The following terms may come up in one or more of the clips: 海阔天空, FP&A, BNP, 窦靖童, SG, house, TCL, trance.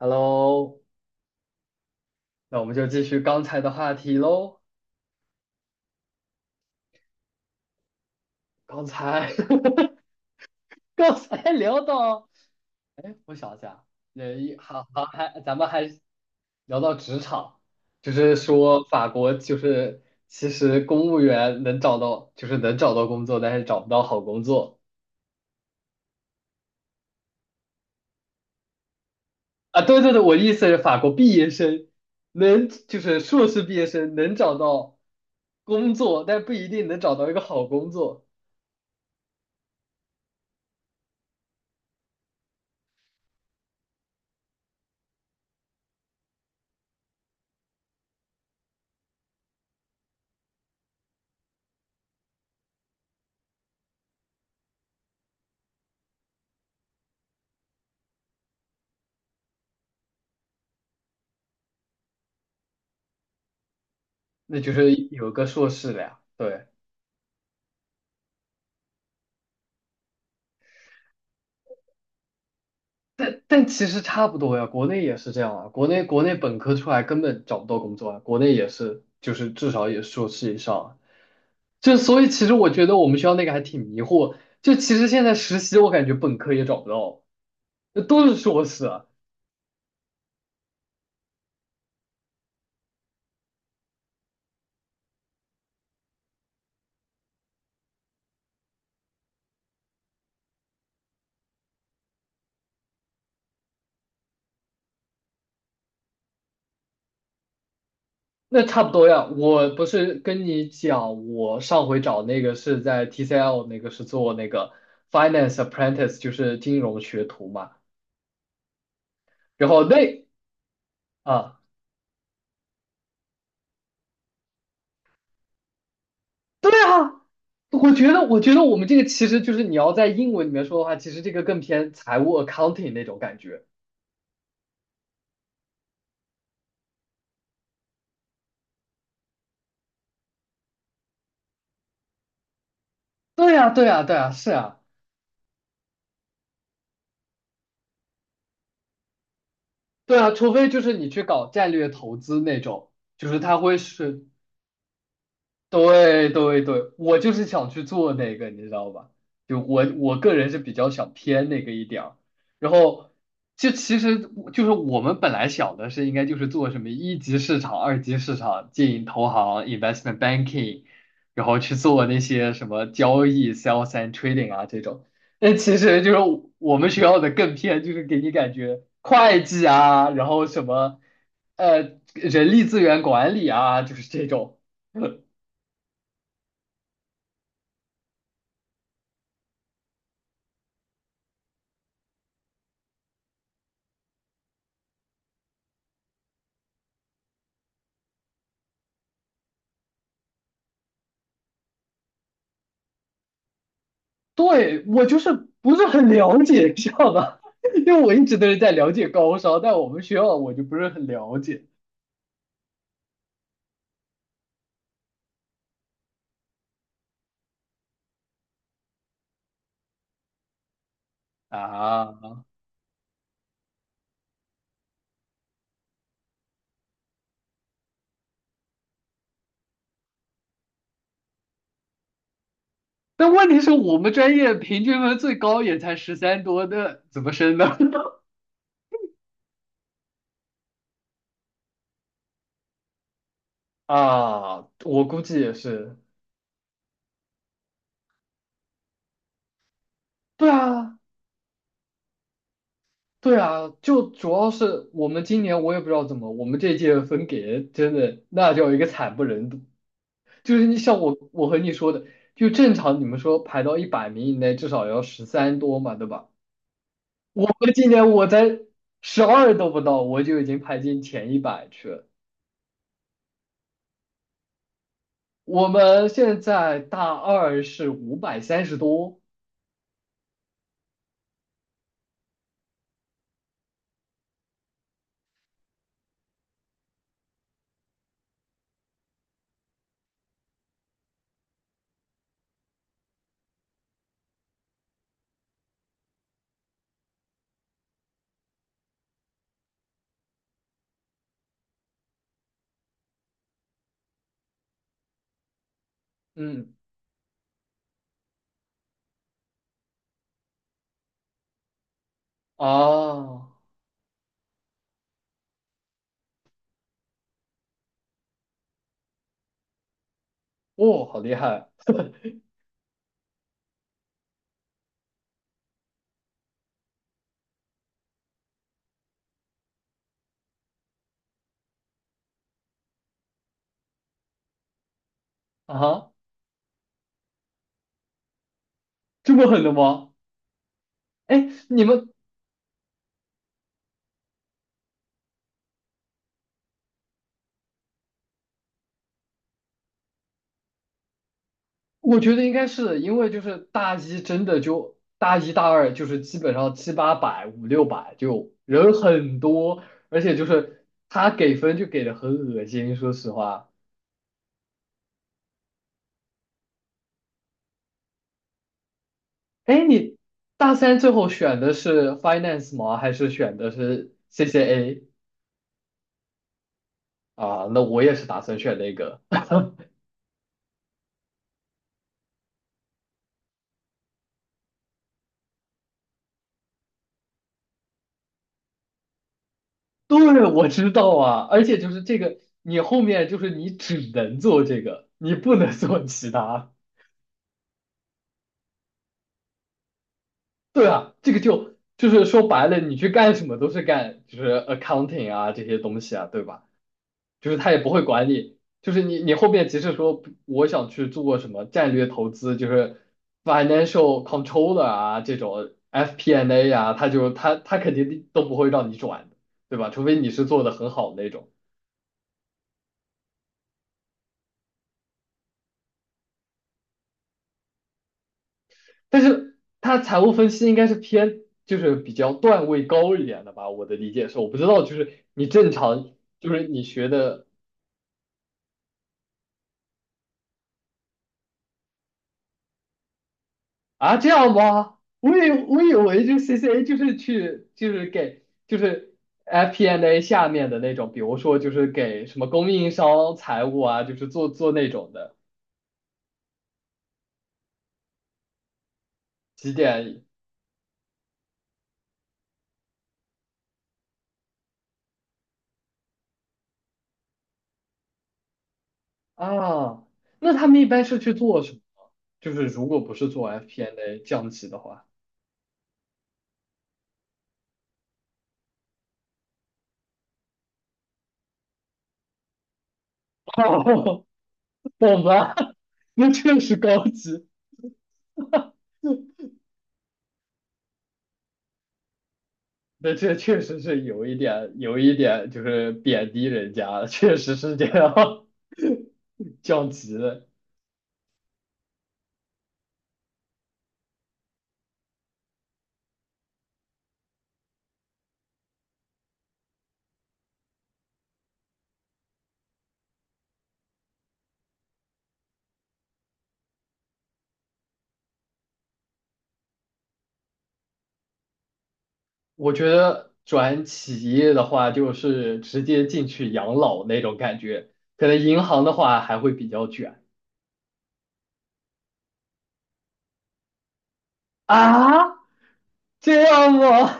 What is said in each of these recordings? Hello，那我们就继续刚才的话题喽。刚才，刚才聊到，哎，我想一下，那一好好还，咱们还聊到职场。就是说法国就是其实公务员能找到，就是能找到工作，但是找不到好工作啊。对对对，我的意思是法国毕业生能就是硕士毕业生能找到工作，但不一定能找到一个好工作。那就是有个硕士了呀。对，但其实差不多呀，国内也是这样啊。国内本科出来根本找不到工作啊，国内也是，就是至少也是硕士以上啊。就所以其实我觉得我们学校那个还挺迷惑，就其实现在实习我感觉本科也找不到，那都是硕士啊。那差不多呀。我不是跟你讲，我上回找那个是在 TCL， 那个是做那个 finance apprentice，就是金融学徒嘛。然后那啊。我觉得，我觉得我们这个其实就是你要在英文里面说的话，其实这个更偏财务 accounting 那种感觉。对呀，对呀，对呀，是啊。对啊，除非就是你去搞战略投资那种，就是它会是对对对，我就是想去做那个，你知道吧？就我个人是比较想偏那个一点儿，然后就其实就是我们本来想的是应该就是做什么一级市场、二级市场、经营投行、investment banking，然后去做那些什么交易、sales and trading 啊这种。但其实就是我们学校的更偏，就是给你感觉会计啊，然后什么人力资源管理啊，就是这种。对，我就是不是很了解，知道吧？因为我一直都是在了解高烧，但我们学校我就不是很了解啊。但问题是我们专业平均分最高也才十三多的，那怎么升呢？啊，我估计也是。对啊，对啊，就主要是我们今年我也不知道怎么，我们这届分给真的那叫一个惨不忍睹。就是你像我，我和你说的，就正常你们说排到100名以内，至少要十三多嘛，对吧？我们今年我才12都不到，我就已经排进前100去了。我们现在大二是530多。嗯。啊。哦，好厉害。啊哈，这么狠的吗？哎，你们，我觉得应该是因为就是大一真的就大一大二就是基本上七八百五六百就人很多，而且就是他给分就给的很恶心，说实话。哎，你大三最后选的是 finance 吗？还是选的是 CCA 啊？那我也是打算选那个。对，我知道啊，而且就是这个，你后面就是你只能做这个，你不能做其他。对啊，这个就是说白了，你去干什么都是干就是 accounting 啊这些东西啊，对吧？就是他也不会管你，就是你后面即使说我想去做什么战略投资，就是 financial controller 啊这种 FP&A 啊，他就他他肯定都不会让你转的，对吧？除非你是做的很好的那种，但是他财务分析应该是偏就是比较段位高一点的吧。我的理解是，我不知道就是你正常就是你学的啊。这样吗？我以为就 CCA 就是去就是给就是 FP&A N 下面的那种，比如说就是给什么供应商财务啊，就是做那种的几点啊？那他们一般是去做什么？就是如果不是做 FP&A N 降级的话，哦，懂吧？那确实高级，那这确实是有一点有一点就是贬低人家，确实是这样。 降级。我觉得转企业的话，就是直接进去养老那种感觉，可能银行的话还会比较卷啊。这样吗？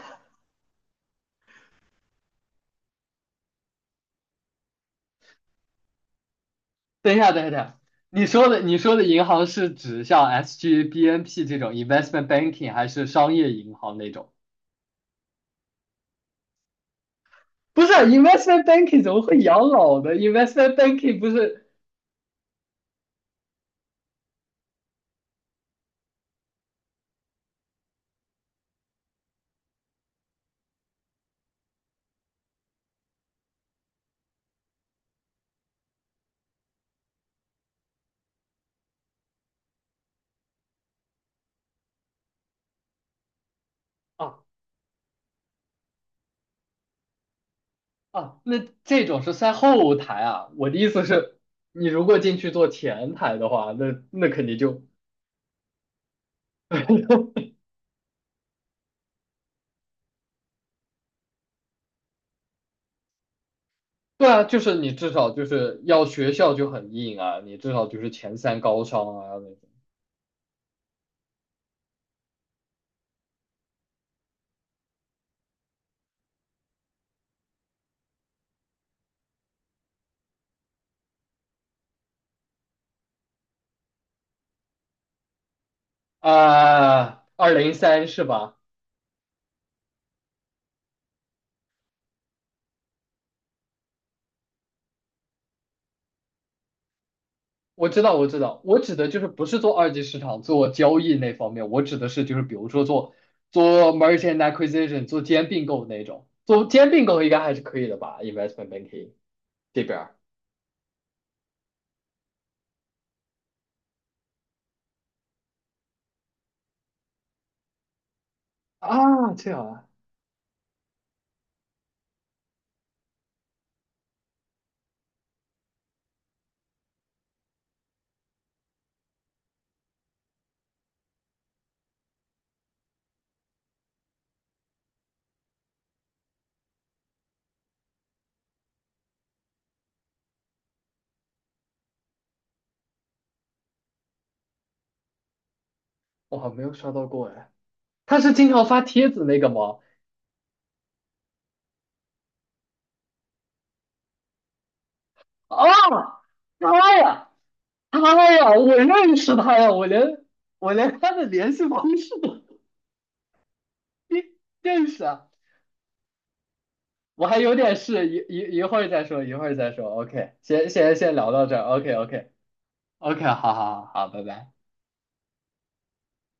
等一下，等一下，等一下，你说的银行是指像 SG、BNP 这种 investment banking，还是商业银行那种？不是 investment banking 怎么会养老呢？investment banking 不是啊。啊，那这种是在后台啊。我的意思是，你如果进去做前台的话，那那肯定就。 对啊，就是你至少就是要学校就很硬啊，你至少就是前三高商啊那种啊，203是吧？我知道，我知道，我指的就是不是做二级市场、做交易那方面，我指的是就是比如说做 merchant acquisition、做兼并购那种，做兼并购应该还是可以的吧？investment banking 这边儿啊。这样啊，我好像没有刷到过哎，他是经常发帖子那个吗？啊，妈呀！他呀，我认识他呀，我连他的联系方式都认认识啊。我还有点事，一会儿再说，一会儿再说。OK，先聊到这儿。OK， OK， OK，好好好，好，拜拜。